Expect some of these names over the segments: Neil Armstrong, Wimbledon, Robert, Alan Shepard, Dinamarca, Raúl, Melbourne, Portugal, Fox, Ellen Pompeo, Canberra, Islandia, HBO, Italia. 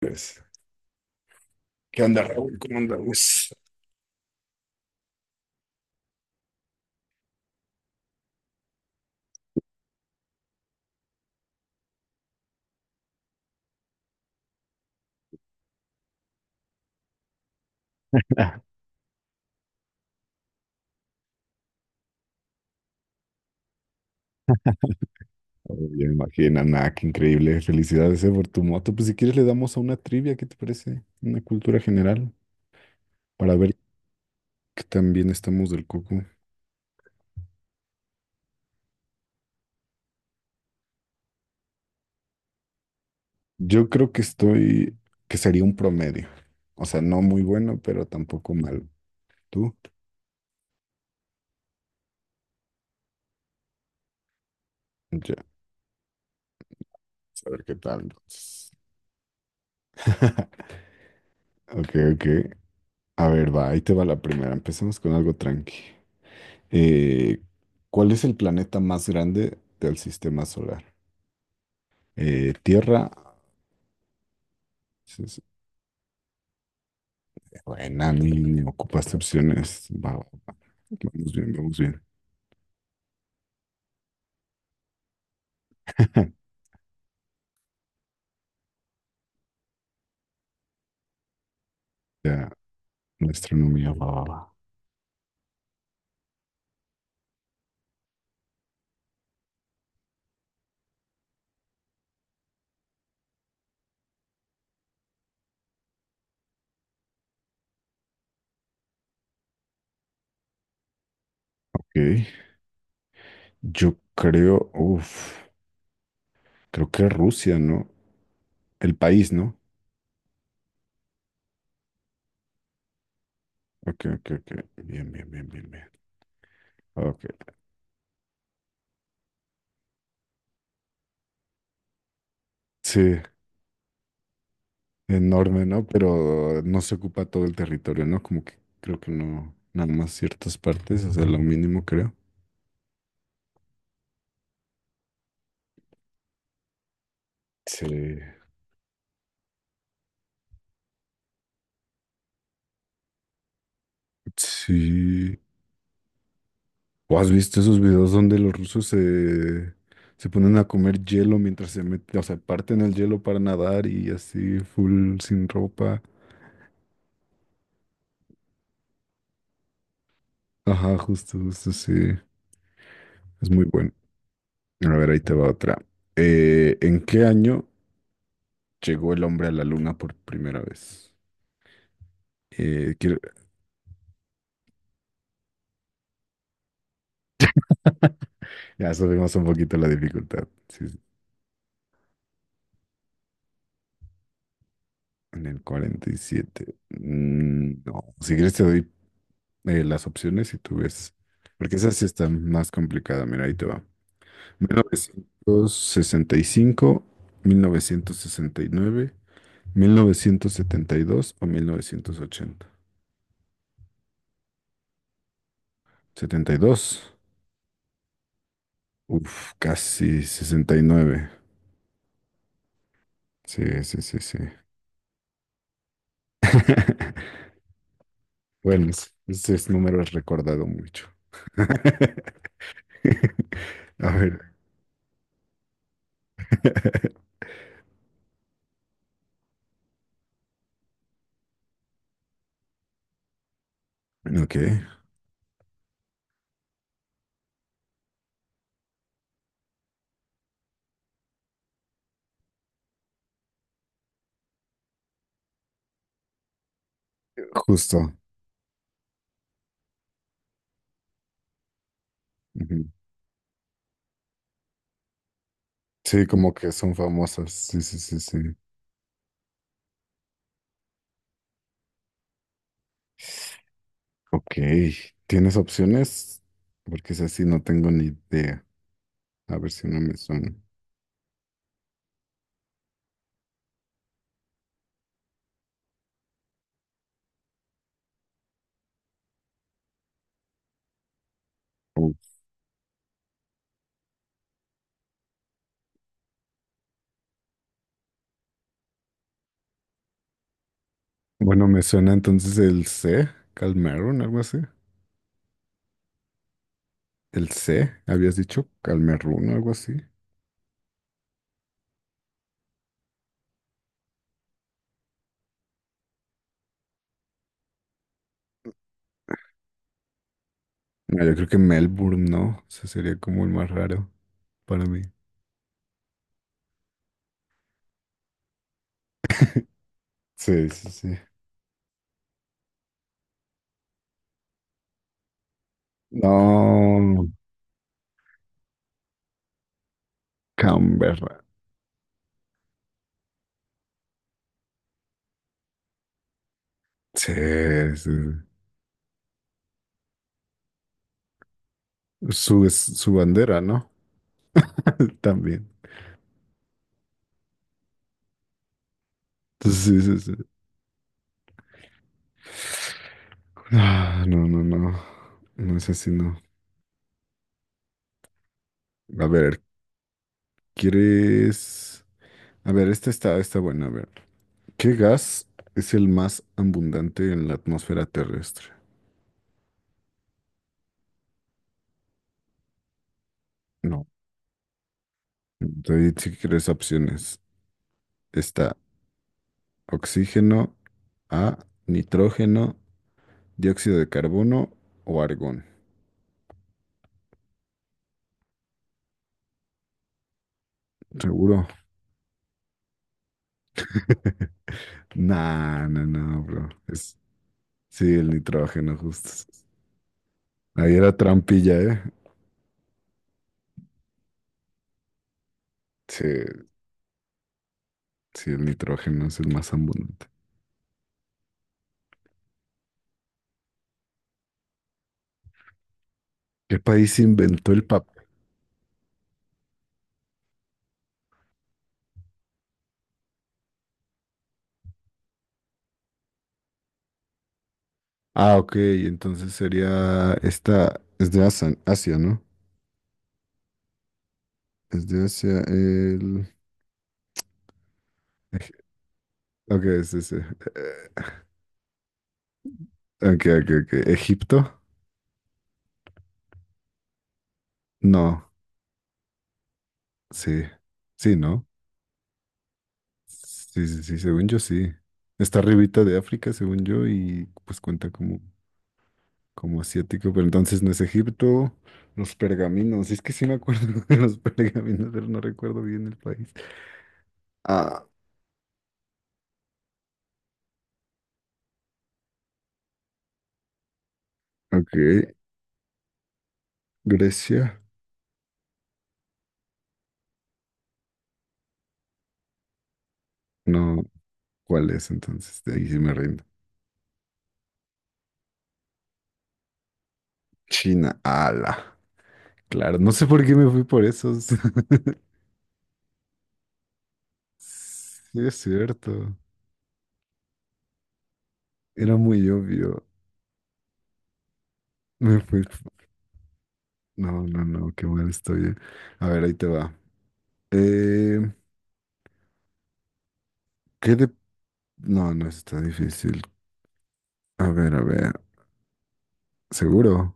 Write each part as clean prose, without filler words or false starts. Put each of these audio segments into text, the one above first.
Pues, ¿qué onda, Raúl? ¿Cómo andamos? Oh, ya me imagino, nada, qué increíble. Felicidades, por tu moto. Pues si quieres le damos a una trivia, ¿qué te parece? Una cultura general, para ver qué tan bien estamos del coco. Yo creo que estoy, que sería un promedio. O sea, no muy bueno, pero tampoco malo. ¿Tú? Ya, a ver qué tal entonces. Ok, ok. A ver, va, ahí te va la primera. Empecemos con algo tranqui. Eh, ¿Cuál es el planeta más grande del sistema solar? Tierra. Dices, buena, ni ocupaste opciones. Va, va, va. Vamos bien, vamos bien. Ya, la astronomía, va, va, va. Ok. Yo creo, uff, creo que Rusia, ¿no? El país, ¿no? Ok, ok, ok. Bien, bien, bien, bien, bien. Ok. Sí, enorme, ¿no? Pero no se ocupa todo el territorio, ¿no? Como que creo que no, nada más ciertas partes, o sea, lo mínimo creo. Sí. Sí. ¿O has visto esos videos donde los rusos se ponen a comer hielo mientras se meten, o sea, parten el hielo para nadar y así, full sin ropa? Ajá, justo, justo, sí. Es muy bueno. A ver, ahí te va otra. ¿En qué año llegó el hombre a la luna por primera vez? Quiero... Ya subimos un poquito la dificultad. Sí, sí, en el 47. Mm, no, si quieres te doy las opciones y tú ves. Porque esa sí está más complicada. Mira, ahí te va. mil novecientos sesenta y cinco nueve 1972 o 1980 72. Uf, casi 69. Sí, sí, sí, sí. Bueno, ese es número es recordado mucho. A ver. Ok, justo. Ujú. Sí, como que son famosas. Sí, sí, sí, sí. Ok, ¿tienes opciones? Porque es así, no tengo ni idea. A ver si no me suena. Oh, bueno, me suena entonces el C, Calmerun, algo así. El C, habías dicho Calmerun, algo así. No, yo creo que Melbourne, ¿no? Ese sería como el más raro para mí. Sí, sí, sí. No, Canberra. Sí, sí. Sí. Es su bandera, ¿no? También. Entonces, sí, sí, sí. Ah, no, no, no. No es así, no. A ver, ¿quieres? A ver, esta está buena. A ver, ¿qué gas es el más abundante en la atmósfera terrestre? No. Te di si quieres opciones. Está oxígeno, A, nitrógeno, dióxido de carbono o argón. ¿Seguro? Nah, no, no, bro. Sí, el nitrógeno, justo. Ahí era trampilla, ¿eh? Sí, sí, el nitrógeno es el más abundante. ¿Qué país inventó el papel? Ah, ok, entonces sería esta, es de Asia, Asia, ¿no? Es de Asia, el... Eg- Ok, es ese. Ok, ok, ok. ¿Egipto? No, sí. Sí, ¿no? Sí, sí, sí, según yo sí. Está arribita de África, según yo, y pues cuenta como, asiático, pero entonces no es Egipto. Los pergaminos, es que sí me acuerdo de los pergaminos, pero no recuerdo bien el país. Ah, ok. Grecia. No, ¿cuál es entonces? De ahí sí me rindo. China, ala. Claro, no sé por qué me fui por esos. Sí, es cierto. Era muy obvio. Me fui. No, no, no, qué mal estoy. A ver, ahí te va. Eh, ¿Qué de... No, no, eso está difícil. A ver, a ver. Seguro.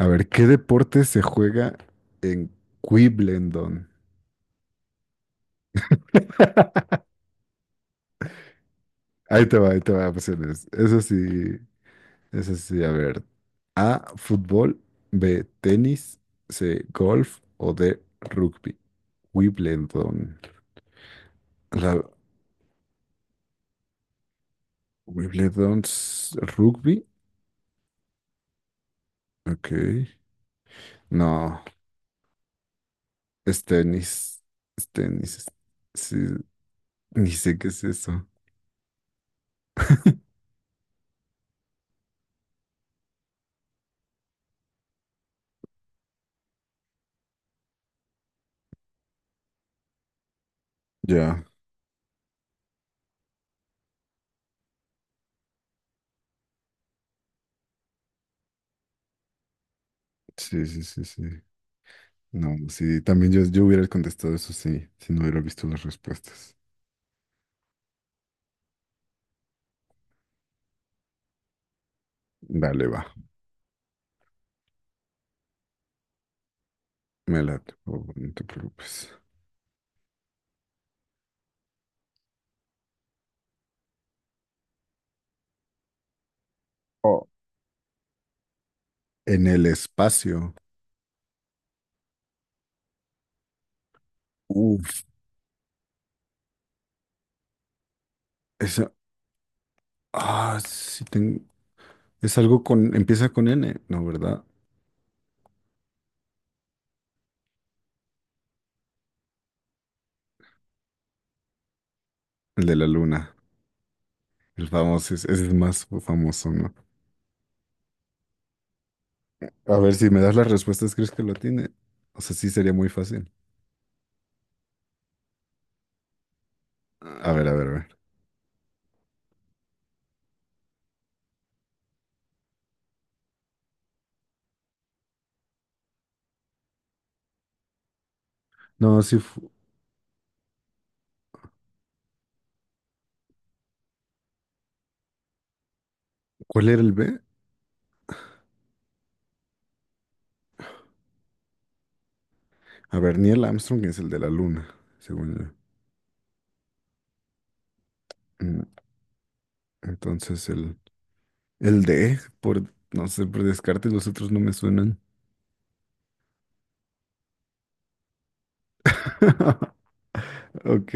A ver, ¿qué deporte se juega en Quiblendon? Ahí te va, opciones. Eso sí, a ver. A, fútbol, B, tenis, C, golf o D, rugby. Wimbledon. La Wimbledon es rugby. Ok. No, es tenis. Es tenis. Sí, ni sé qué es eso. Ya. Sí, sí, sí, sí. No, sí, también yo hubiera contestado eso sí, si no hubiera visto las respuestas. Dale, va. Me late, por favor, no te preocupes. Oh, en el espacio. Uf, esa. Ah, sí, es algo con. Empieza con N, ¿no, verdad? El de la luna. El famoso, ese es el más famoso, ¿no? A ver, si me das las respuestas, ¿crees que lo tiene? O sea, sí sería muy fácil. A ver, a ver, a ver. No, sí. ¿Cuál era el B? A ver, Neil Armstrong es el de la luna, según yo. Mm, Entonces, el D, por, no sé, por descarte, los otros no me suenan. Ok,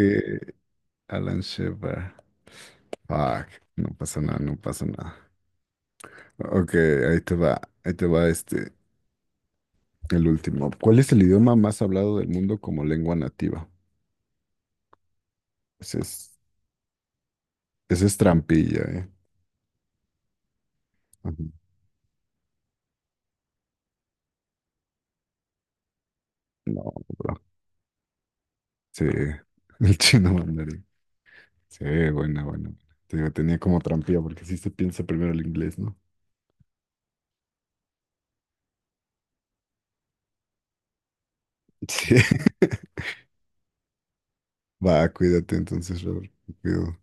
Alan Shepard. Fuck, no pasa nada, no pasa nada. Ok, ahí te va este, el último. ¿Cuál es el idioma más hablado del mundo como lengua nativa? Ese es, ese es trampilla, ¿eh? Ajá. No, bro. Sí, el chino mandarín. Sí, buena, buena. Te digo, tenía como trampilla porque sí se piensa primero el inglés, ¿no? Sí. Va, cuídate entonces, Robert. Te cuido.